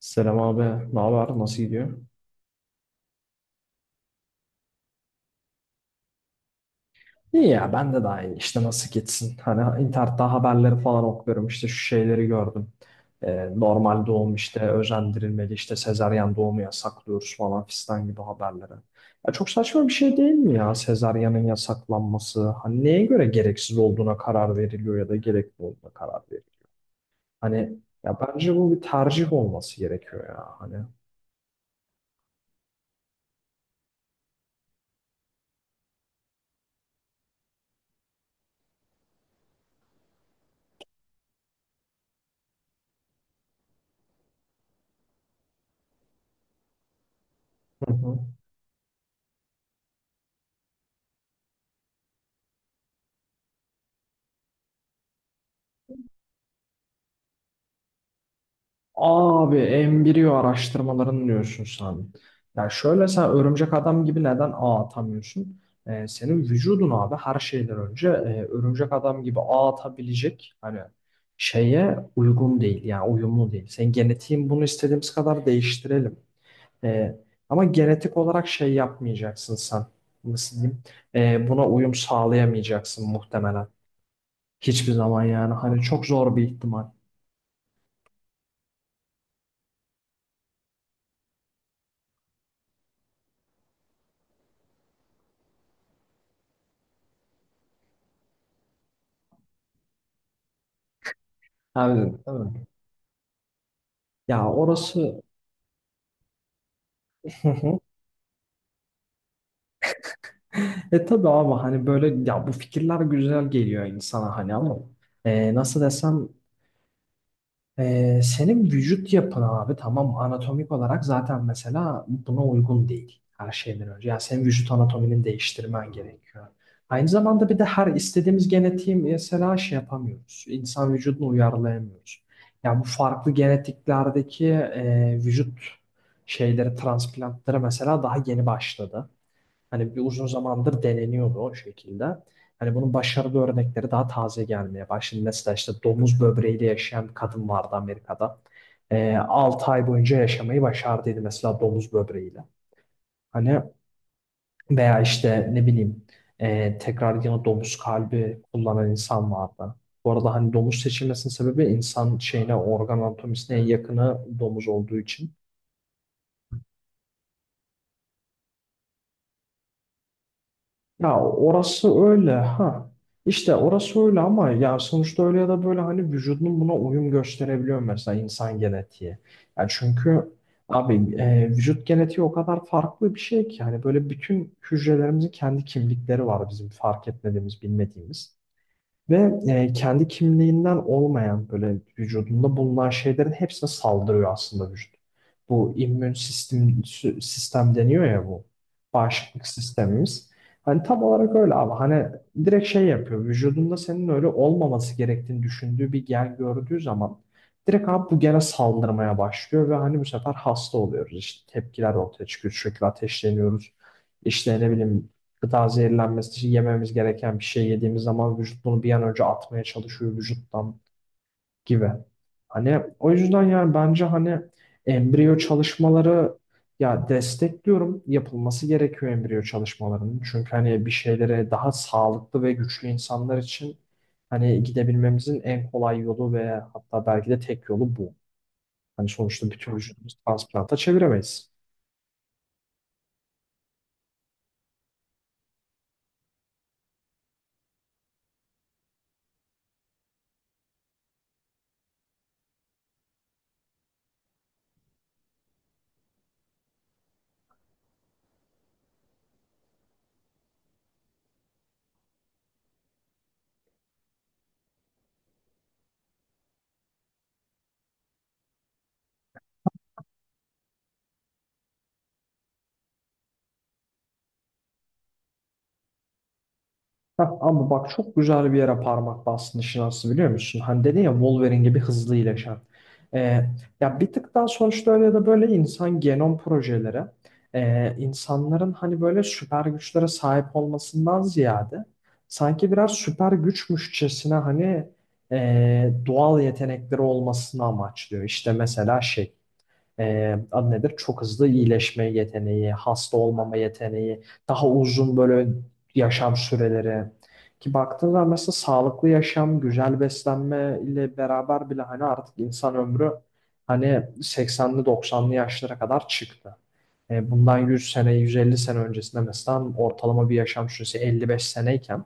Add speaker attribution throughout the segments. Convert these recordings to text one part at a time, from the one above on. Speaker 1: Selam abi, ne haber? Nasıl gidiyor? İyi ya, ben de daha iyi. İşte nasıl gitsin? Hani internette haberleri falan okuyorum. İşte şu şeyleri gördüm. Normal doğum işte özendirilmeli, işte sezaryen doğumu yasaklıyoruz falan fistan gibi haberleri. Ya çok saçma bir şey değil mi ya sezaryenin yasaklanması? Hani neye göre gereksiz olduğuna karar veriliyor ya da gerekli olduğuna karar veriliyor? Hani ya bence bu bir tercih olması gerekiyor ya hani. Hı hı. Abi embriyo araştırmalarını diyorsun sen. Ya şöyle sen örümcek adam gibi neden ağ atamıyorsun? Senin vücudun abi her şeyden önce örümcek adam gibi ağ atabilecek hani şeye uygun değil yani uyumlu değil. Senin genetiğin bunu istediğimiz kadar değiştirelim. Ee, Ama genetik olarak şey yapmayacaksın sen. Nasıl diyeyim? Buna uyum sağlayamayacaksın muhtemelen. Hiçbir zaman yani hani çok zor bir ihtimal. Yani, evet. Ya orası e tabii abi hani böyle ya bu fikirler güzel geliyor insana hani ama nasıl desem, senin vücut yapın abi tamam anatomik olarak zaten mesela buna uygun değil her şeyden önce. Yani senin vücut anatominin değiştirmen gerekiyor. Aynı zamanda bir de her istediğimiz genetiği mesela şey yapamıyoruz. İnsan vücudunu uyarlayamıyoruz. Ya bu farklı genetiklerdeki vücut şeyleri transplantları mesela daha yeni başladı. Hani bir uzun zamandır deneniyordu o şekilde. Hani bunun başarılı örnekleri daha taze gelmeye başladı. Mesela işte domuz böbreğiyle yaşayan bir kadın vardı Amerika'da. 6 ay boyunca yaşamayı başardıydı mesela domuz böbreğiyle. Hani, veya işte ne bileyim, tekrar yine domuz kalbi kullanan insan vardı. Bu arada hani domuz seçilmesinin sebebi insan şeyine organ anatomisine en yakını domuz olduğu için. Ya orası öyle ha. İşte orası öyle ama ya sonuçta öyle ya da böyle hani vücudun buna uyum gösterebiliyor mesela insan genetiği. Ya çünkü abi vücut genetiği o kadar farklı bir şey ki hani böyle bütün hücrelerimizin kendi kimlikleri var bizim fark etmediğimiz, bilmediğimiz. Ve kendi kimliğinden olmayan böyle vücudunda bulunan şeylerin hepsine saldırıyor aslında vücut. Bu immün sistem, sistem deniyor ya bu. Bağışıklık sistemimiz. Hani tam olarak öyle abi. Hani direkt şey yapıyor. Vücudunda senin öyle olmaması gerektiğini düşündüğü bir gen gördüğü zaman direkt abi bu gene saldırmaya başlıyor ve hani bu sefer hasta oluyoruz. İşte tepkiler ortaya çıkıyor. Sürekli ateşleniyoruz. İşte ne bileyim, gıda zehirlenmesi, yememiz gereken bir şey yediğimiz zaman vücut bunu bir an önce atmaya çalışıyor vücuttan gibi. Hani o yüzden yani bence hani embriyo çalışmaları, ya, destekliyorum. Yapılması gerekiyor embriyo çalışmalarının. Çünkü hani bir şeylere daha sağlıklı ve güçlü insanlar için hani gidebilmemizin en kolay yolu ve hatta belki de tek yolu bu. Hani sonuçta bütün vücudumuzu transplanta çeviremeyiz. Heh, ama bak çok güzel bir yere parmak bastın işin aslı, biliyor musun? Hani dedin ya Wolverine gibi hızlı iyileşen. Ee, ya bir tık daha sonuçta öyle ya da böyle insan genom projeleri insanların hani böyle süper güçlere sahip olmasından ziyade sanki biraz süper güçmüşçesine hani doğal yetenekleri olmasını amaçlıyor. İşte mesela şey, adı nedir? Çok hızlı iyileşme yeteneği, hasta olmama yeteneği, daha uzun böyle yaşam süreleri. Ki baktığın zaman mesela sağlıklı yaşam, güzel beslenme ile beraber bile hani artık insan ömrü hani 80'li 90'lı yaşlara kadar çıktı. E, bundan 100 sene, 150 sene öncesinde mesela ortalama bir yaşam süresi 55 seneyken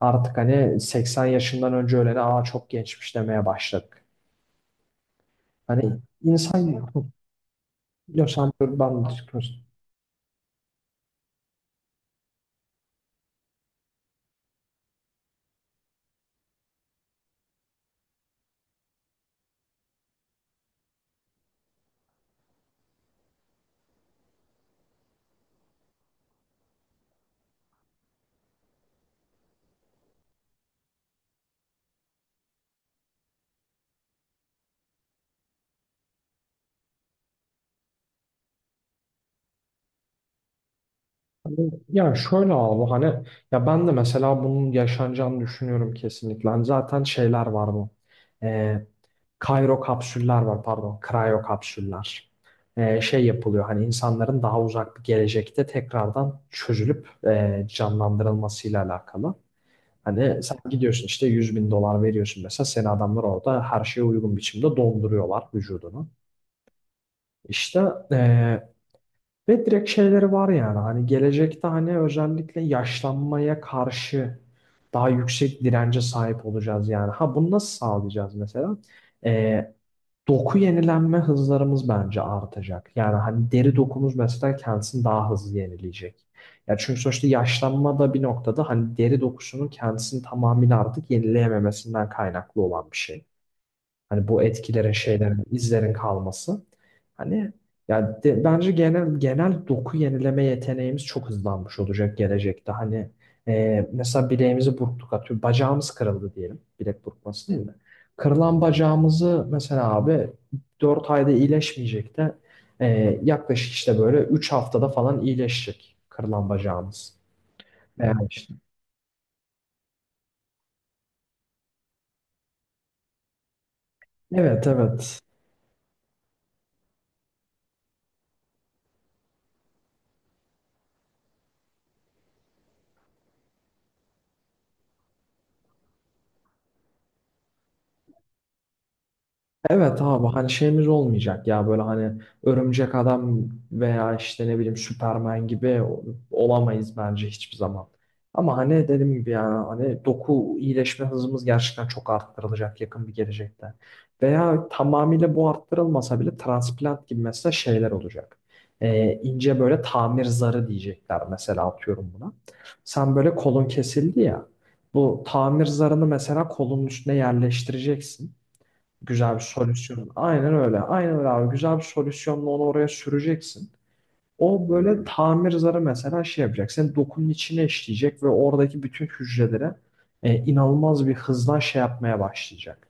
Speaker 1: artık hani 80 yaşından önce ölene aa çok gençmiş demeye başladık. Hani insan yok sen dur, ben ya şöyle abi hani ya ben de mesela bunun yaşanacağını düşünüyorum kesinlikle. Hani zaten şeyler var bu. Ee, Kairo kapsüller var, pardon. Krayo kapsüller. Şey yapılıyor hani insanların daha uzak bir gelecekte tekrardan çözülüp canlandırılmasıyla alakalı. Hani sen gidiyorsun işte 100.000 dolar veriyorsun mesela, seni adamlar orada her şeye uygun biçimde donduruyorlar vücudunu. İşte eee, ve direkt şeyleri var yani hani gelecekte hani özellikle yaşlanmaya karşı daha yüksek dirence sahip olacağız yani. Ha, bunu nasıl sağlayacağız mesela? Ee, Doku yenilenme hızlarımız bence artacak. Yani hani deri dokumuz mesela kendisini daha hızlı yenileyecek. Ya çünkü sonuçta yaşlanma da bir noktada hani deri dokusunun kendisini tamamıyla artık yenileyememesinden kaynaklı olan bir şey. Hani bu etkilerin, şeylerin, izlerin kalması. Hani ya bence genel genel doku yenileme yeteneğimiz çok hızlanmış olacak gelecekte. Hani mesela bileğimizi burktuk atıyor. Bacağımız kırıldı diyelim. Bilek burkması değil mi? Kırılan bacağımızı mesela abi 4 ayda iyileşmeyecek de e, yaklaşık işte böyle 3 haftada falan iyileşecek kırılan bacağımız. Veya işte. Evet, evet. Evet abi hani şeyimiz olmayacak ya böyle hani örümcek adam veya işte ne bileyim Superman gibi olamayız bence hiçbir zaman. Ama hani dediğim gibi yani hani doku iyileşme hızımız gerçekten çok arttırılacak yakın bir gelecekte. Veya tamamıyla bu arttırılmasa bile transplant gibi mesela şeyler olacak. İnce böyle tamir zarı diyecekler mesela, atıyorum buna. Sen böyle kolun kesildi ya. Bu tamir zarını mesela kolun üstüne yerleştireceksin. Güzel bir solüsyon. Aynen öyle. Aynen öyle abi. Güzel bir solüsyonla onu oraya süreceksin. O böyle tamir zarı mesela şey yapacak. Senin dokunun içine işleyecek ve oradaki bütün hücrelere inanılmaz bir hızla şey yapmaya başlayacak.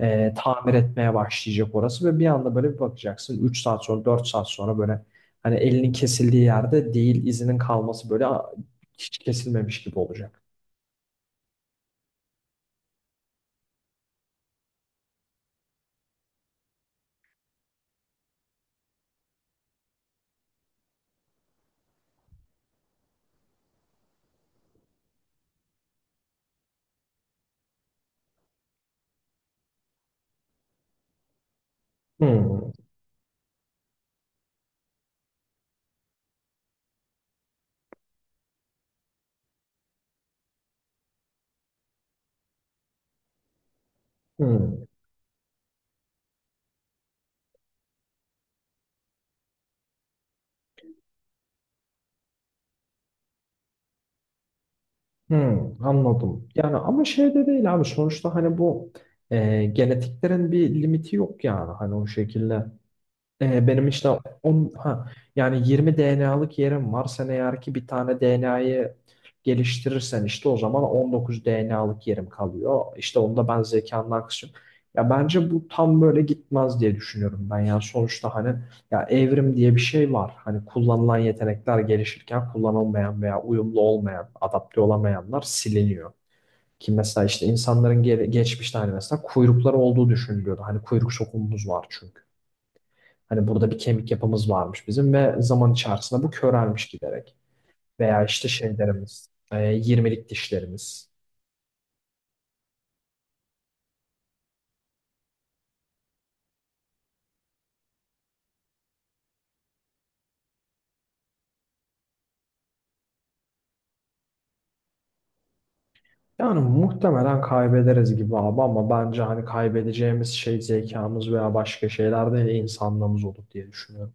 Speaker 1: Tamir etmeye başlayacak orası ve bir anda böyle bir bakacaksın. 3 saat sonra 4 saat sonra böyle hani elinin kesildiği yerde değil izinin kalması, böyle hiç kesilmemiş gibi olacak. Hmm, hmm. Hmm, anladım. Yani ama şey de değil abi sonuçta hani bu genetiklerin bir limiti yok yani hani o şekilde. Benim işte on, ha, yani 20 DNA'lık yerim var. Sen eğer ki bir tane DNA'yı geliştirirsen işte o zaman 19 DNA'lık yerim kalıyor. İşte onda ben zekandan kısıyorum. Ya bence bu tam böyle gitmez diye düşünüyorum ben. Yani sonuçta hani ya evrim diye bir şey var. Hani kullanılan yetenekler gelişirken kullanılmayan veya uyumlu olmayan, adapte olamayanlar siliniyor. Ki mesela işte insanların geçmişte hani mesela kuyrukları olduğu düşünülüyordu. Hani kuyruk sokumumuz var çünkü. Hani burada bir kemik yapımız varmış bizim ve zaman içerisinde bu körelmiş giderek. Veya işte şeylerimiz, 20'lik dişlerimiz. Yani muhtemelen kaybederiz gibi abi ama bence hani kaybedeceğimiz şey zekamız veya başka şeyler değil insanlığımız olur diye düşünüyorum.